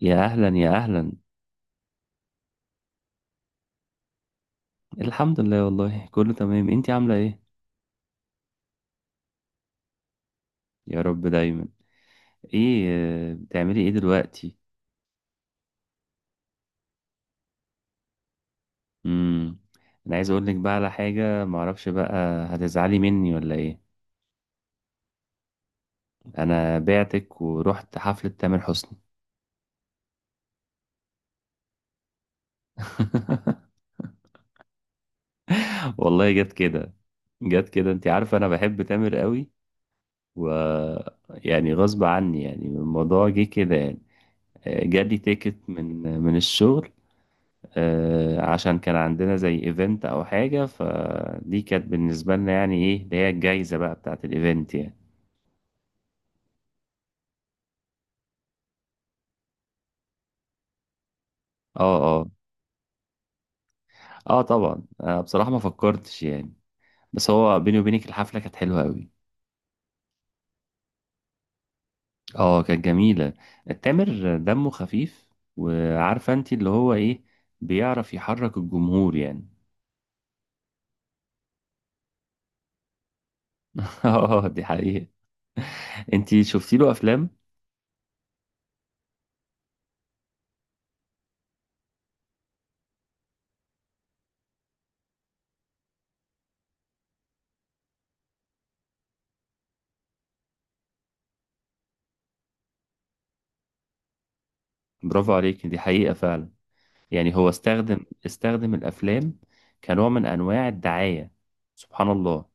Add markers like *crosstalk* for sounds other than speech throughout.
يا اهلا يا اهلا. الحمد لله، والله كله تمام، انتي عامله ايه؟ يا رب دايما. ايه؟ بتعملي ايه دلوقتي؟ امم انا عايز اقول لك بقى على حاجه، معرفش بقى، هتزعلي مني ولا ايه؟ انا بعتك ورحت حفله تامر حسني. *laughs* والله جت كده. جت كده، انتي عارفه انا بحب تامر قوي. و يعني غصب عني، يعني الموضوع جه كده يعني. جالي تيكت من الشغل. عشان كان عندنا زي ايفنت او حاجة، فدي كانت بالنسبة لنا يعني ايه اللي هي الجايزة بقى بتاعة الايفنت يعني. اه، اه. اه طبعا. بصراحة ما فكرتش يعني. بس هو بيني وبينك الحفلة كانت حلوة قوي. اه كانت جميلة. تامر دمه خفيف. وعارفة انت اللي هو ايه، بيعرف يحرك الجمهور يعني. *laughs* اه دي حقيقة. انت شفتي له افلام؟ برافو عليك، دي حقيقة فعلا. يعني هو استخدم الافلام كنوع من انواع الدعاية. سبحان الله.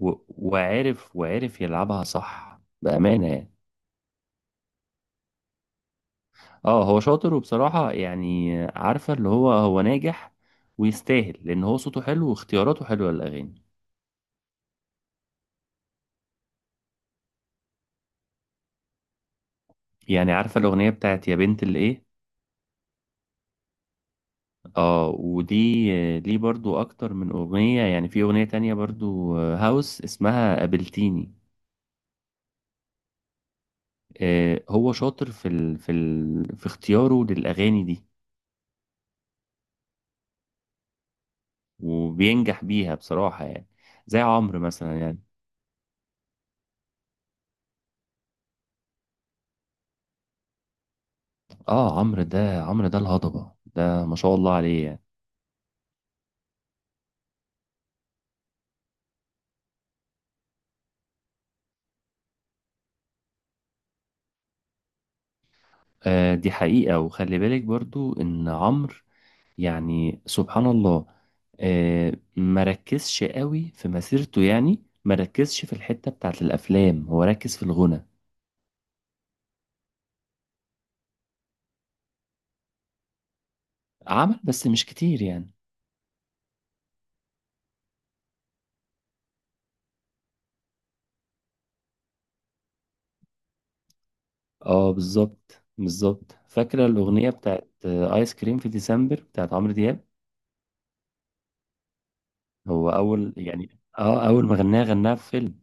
وعرف يلعبها صح بأمانة يعني. اه هو شاطر، وبصراحة يعني عارفة اللي هو هو ناجح ويستاهل، لأن هو صوته حلو واختياراته حلوة للأغاني. يعني عارفة الأغنية بتاعت يا بنت الإيه؟ اه ودي، ليه برضو أكتر من أغنية، يعني في أغنية تانية برضو، هاوس اسمها قابلتيني. هو شاطر في في اختياره للأغاني دي، وبينجح بيها بصراحة يعني. زي عمرو مثلا يعني. اه عمرو ده الهضبة ده، ما شاء الله عليه يعني. آه دي حقيقة. وخلي بالك برضو ان عمرو، يعني سبحان الله، آه ما ركزش قوي في مسيرته، يعني ما ركزش في الحتة بتاعت الافلام، هو ركز في الغنى. عمل بس مش كتير يعني. اه بالظبط بالظبط. فاكرة الأغنية بتاعت آيس كريم في ديسمبر بتاعت عمرو دياب؟ هو أول يعني، اه أول ما غناها غناها في فيلم.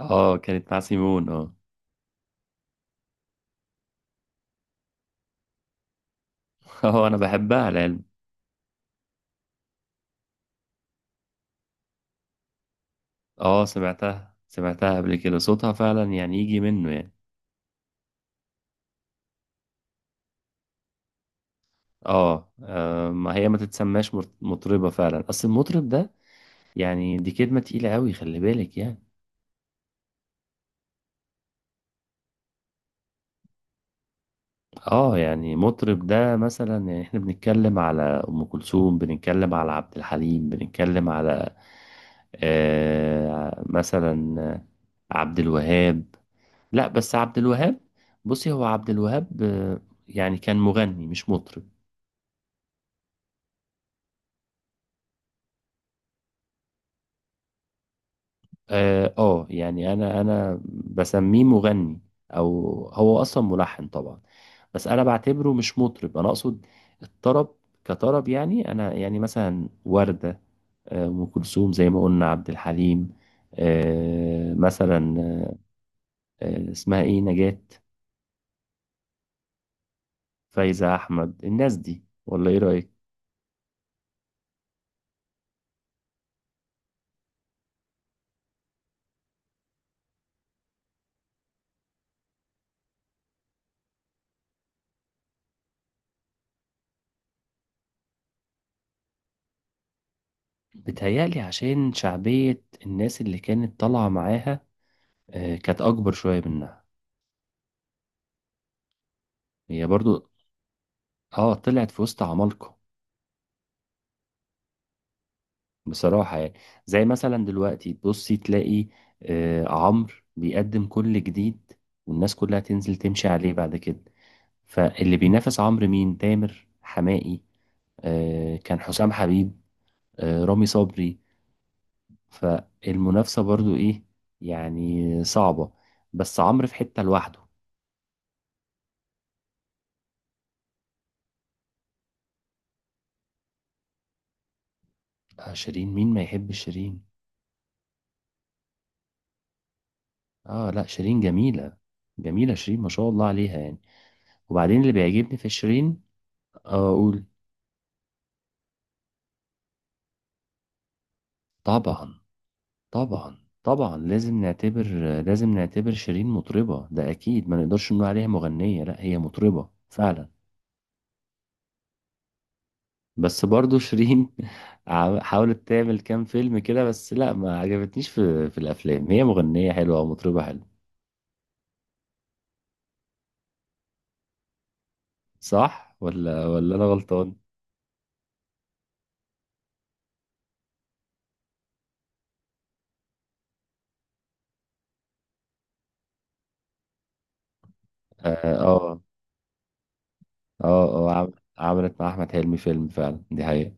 اه كانت مع سيمون اه. *laughs* اه انا بحبها العلم. اه سمعتها سمعتها قبل كده، صوتها فعلا يعني يجي منه يعني. اه، ما هي ما تتسماش مطربة فعلا، اصل المطرب ده يعني دي كلمة تقيلة قوي، خلي بالك يعني. اه يعني مطرب ده مثلا، يعني احنا بنتكلم على ام كلثوم، بنتكلم على عبد الحليم، بنتكلم على آه مثلا عبد الوهاب. لا بس عبد الوهاب. بصي هو عبد الوهاب يعني كان مغني مش مطرب. اه، يعني انا بسميه مغني. او هو اصلا ملحن طبعا، بس انا بعتبره مش مطرب، انا اقصد الطرب كطرب يعني. انا يعني مثلا وردة، ام كلثوم زي ما قلنا، عبد الحليم، مثلا اسمها ايه، نجاة، فايزة احمد. الناس دي، ولا ايه رأيك؟ بتهيألي عشان شعبية الناس اللي كانت طالعة معاها كانت اكبر شويه منها. هي برضو اه طلعت في وسط عمالقه بصراحه يعني. زي مثلا دلوقتي تبصي تلاقي آه عمرو بيقدم كل جديد، والناس كلها تنزل تمشي عليه بعد كده. فاللي بينافس عمرو مين؟ تامر حماقي، آه كان حسام حبيب، آه رامي صبري. فالمنافسه برضو ايه، يعني صعبه. بس عمرو في حته لوحده. آه شيرين؟ مين ما يحب شيرين. اه لا شيرين جميله. جميله شيرين ما شاء الله عليها يعني. وبعدين اللي بيعجبني في شيرين، اقول. طبعا. طبعا طبعا لازم نعتبر، لازم نعتبر شيرين مطربة، ده اكيد. ما نقدرش نقول عليها مغنية، لا هي مطربة فعلا. بس برضو شيرين *laughs* حاولت تعمل كام فيلم كده، بس لا ما عجبتنيش في الافلام. هي مغنية حلوة ومطربة حلوة. صح ولا انا غلطان؟ اه اه. اه عملت مع احمد حلمي فيلم فعلا، دي حقيقة.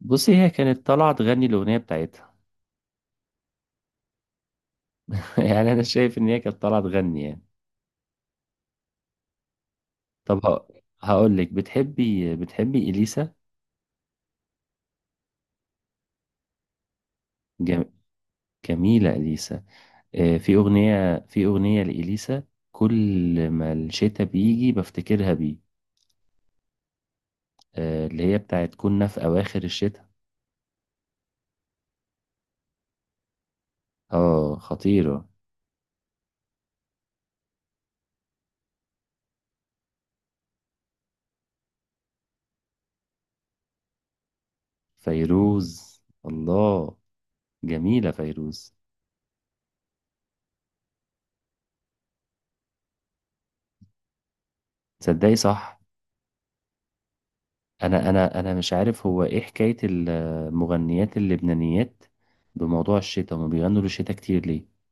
بصي هي كانت طالعة تغني الأغنية بتاعتها. *laughs* يعني انا شايف ان هي كانت طالعه تغني يعني. طب هقول لك، بتحبي اليسا؟ جم... جميله اليسا. في اغنيه لاليسا، كل ما الشتاء بيجي بفتكرها بيه، اللي هي بتاعت كنا في اواخر الشتاء. اه خطيره. فيروز الله، جميله فيروز. تصدقي صح، انا انا مش عارف هو ايه حكايه المغنيات اللبنانيات بموضوع الشتاء، هما بيغنوا للشتاء كتير ليه.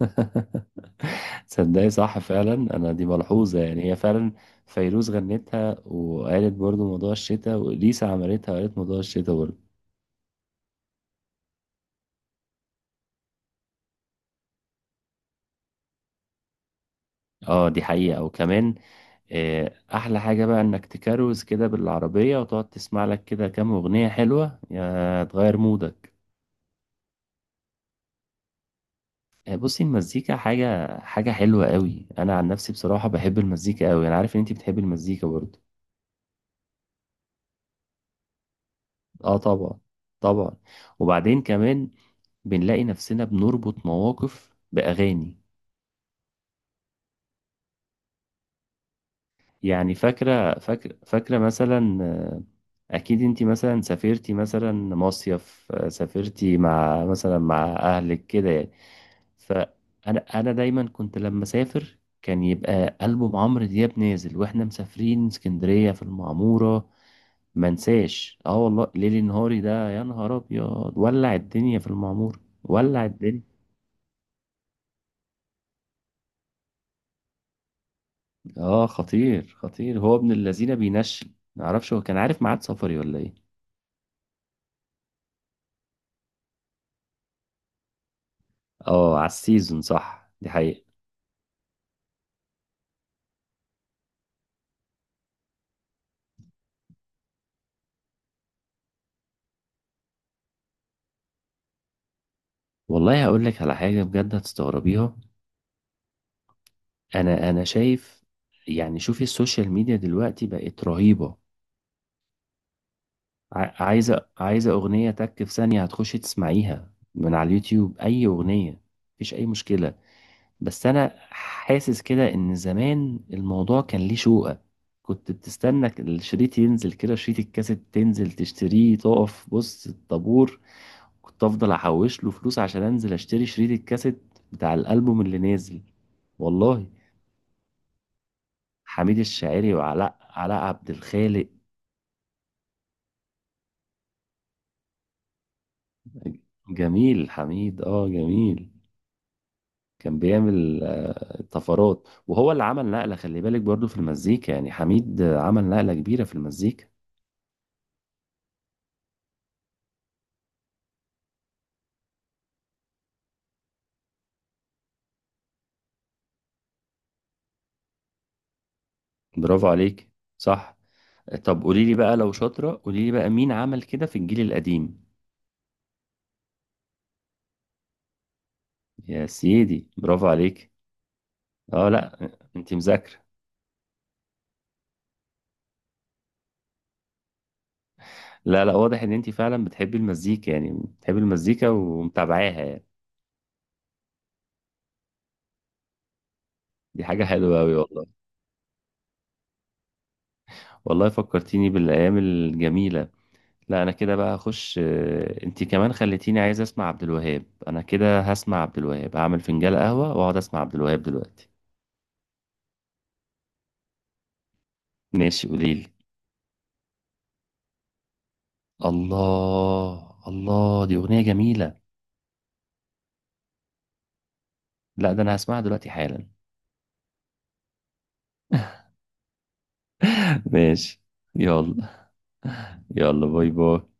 *laughs* تصدقي صح فعلا، انا دي ملحوظه يعني، هي فعلا فيروز غنتها وقالت برضو موضوع الشتاء، وليسا عملتها وقالت موضوع الشتاء برضو. اه دي حقيقه. وكمان احلى حاجه بقى انك تكروز كده بالعربيه، وتقعد تسمع لك كده كام اغنيه حلوه يا تغير مودك. بصي المزيكا حاجه حلوه قوي، انا عن نفسي بصراحه بحب المزيكا قوي، انا عارف ان انت بتحبي المزيكا برضو. اه طبعا. طبعا. وبعدين كمان بنلاقي نفسنا بنربط مواقف باغاني، يعني فاكرة مثلا، أكيد أنت مثلا سافرتي مثلا مصيف، سافرتي مع مثلا مع أهلك كده يعني. فأنا دايما كنت لما أسافر كان يبقى ألبوم عمرو دياب نازل، وإحنا مسافرين اسكندرية في المعمورة. منساش اه والله ليلي نهاري ده، يا نهار أبيض ولع الدنيا في المعمورة، ولع الدنيا. اه خطير خطير، هو ابن الذين بينشل، معرفش هو كان عارف ميعاد سفري ولا إيه. اه على السيزون، صح دي حقيقة. والله هقول لك على حاجة بجد هتستغربيها. انا شايف يعني، شوفي السوشيال ميديا دلوقتي بقت رهيبة. عايزة اغنية، تك في ثانية هتخشي تسمعيها من على اليوتيوب اي اغنية، مفيش اي مشكلة. بس انا حاسس كده ان زمان الموضوع كان ليه شوقة، كنت بتستنى الشريط ينزل كده، شريط الكاسيت تنزل تشتريه تقف بص الطابور، كنت افضل احوش له فلوس عشان انزل اشتري شريط الكاسيت بتاع الالبوم اللي نازل والله. حميد الشاعري، وعلاء عبد الخالق. جميل حميد، اه جميل. كان بيعمل طفرات، وهو اللي عمل نقلة، خلي بالك برضو في المزيكا يعني، حميد عمل نقلة كبيرة في المزيكا. برافو عليك. صح. طب قولي لي بقى لو شاطرة، قولي لي بقى مين عمل كده في الجيل القديم؟ يا سيدي برافو عليك. اه لا انت مذاكرة. لا لا، واضح ان انت فعلا بتحبي المزيكا يعني، بتحبي المزيكا ومتابعاها يعني. دي حاجة حلوة أوي والله. والله فكرتيني بالأيام الجميلة. لا أنا كده بقى هخش، انت كمان خليتيني عايز أسمع عبد الوهاب، أنا كده هسمع عبد الوهاب، هعمل فنجان قهوة وأقعد أسمع عبد الوهاب دلوقتي. ماشي قوليلي. الله الله، دي أغنية جميلة. لا ده أنا هسمعها دلوقتي حالا. *laughs* ماشي. يلا. يلا باي باي.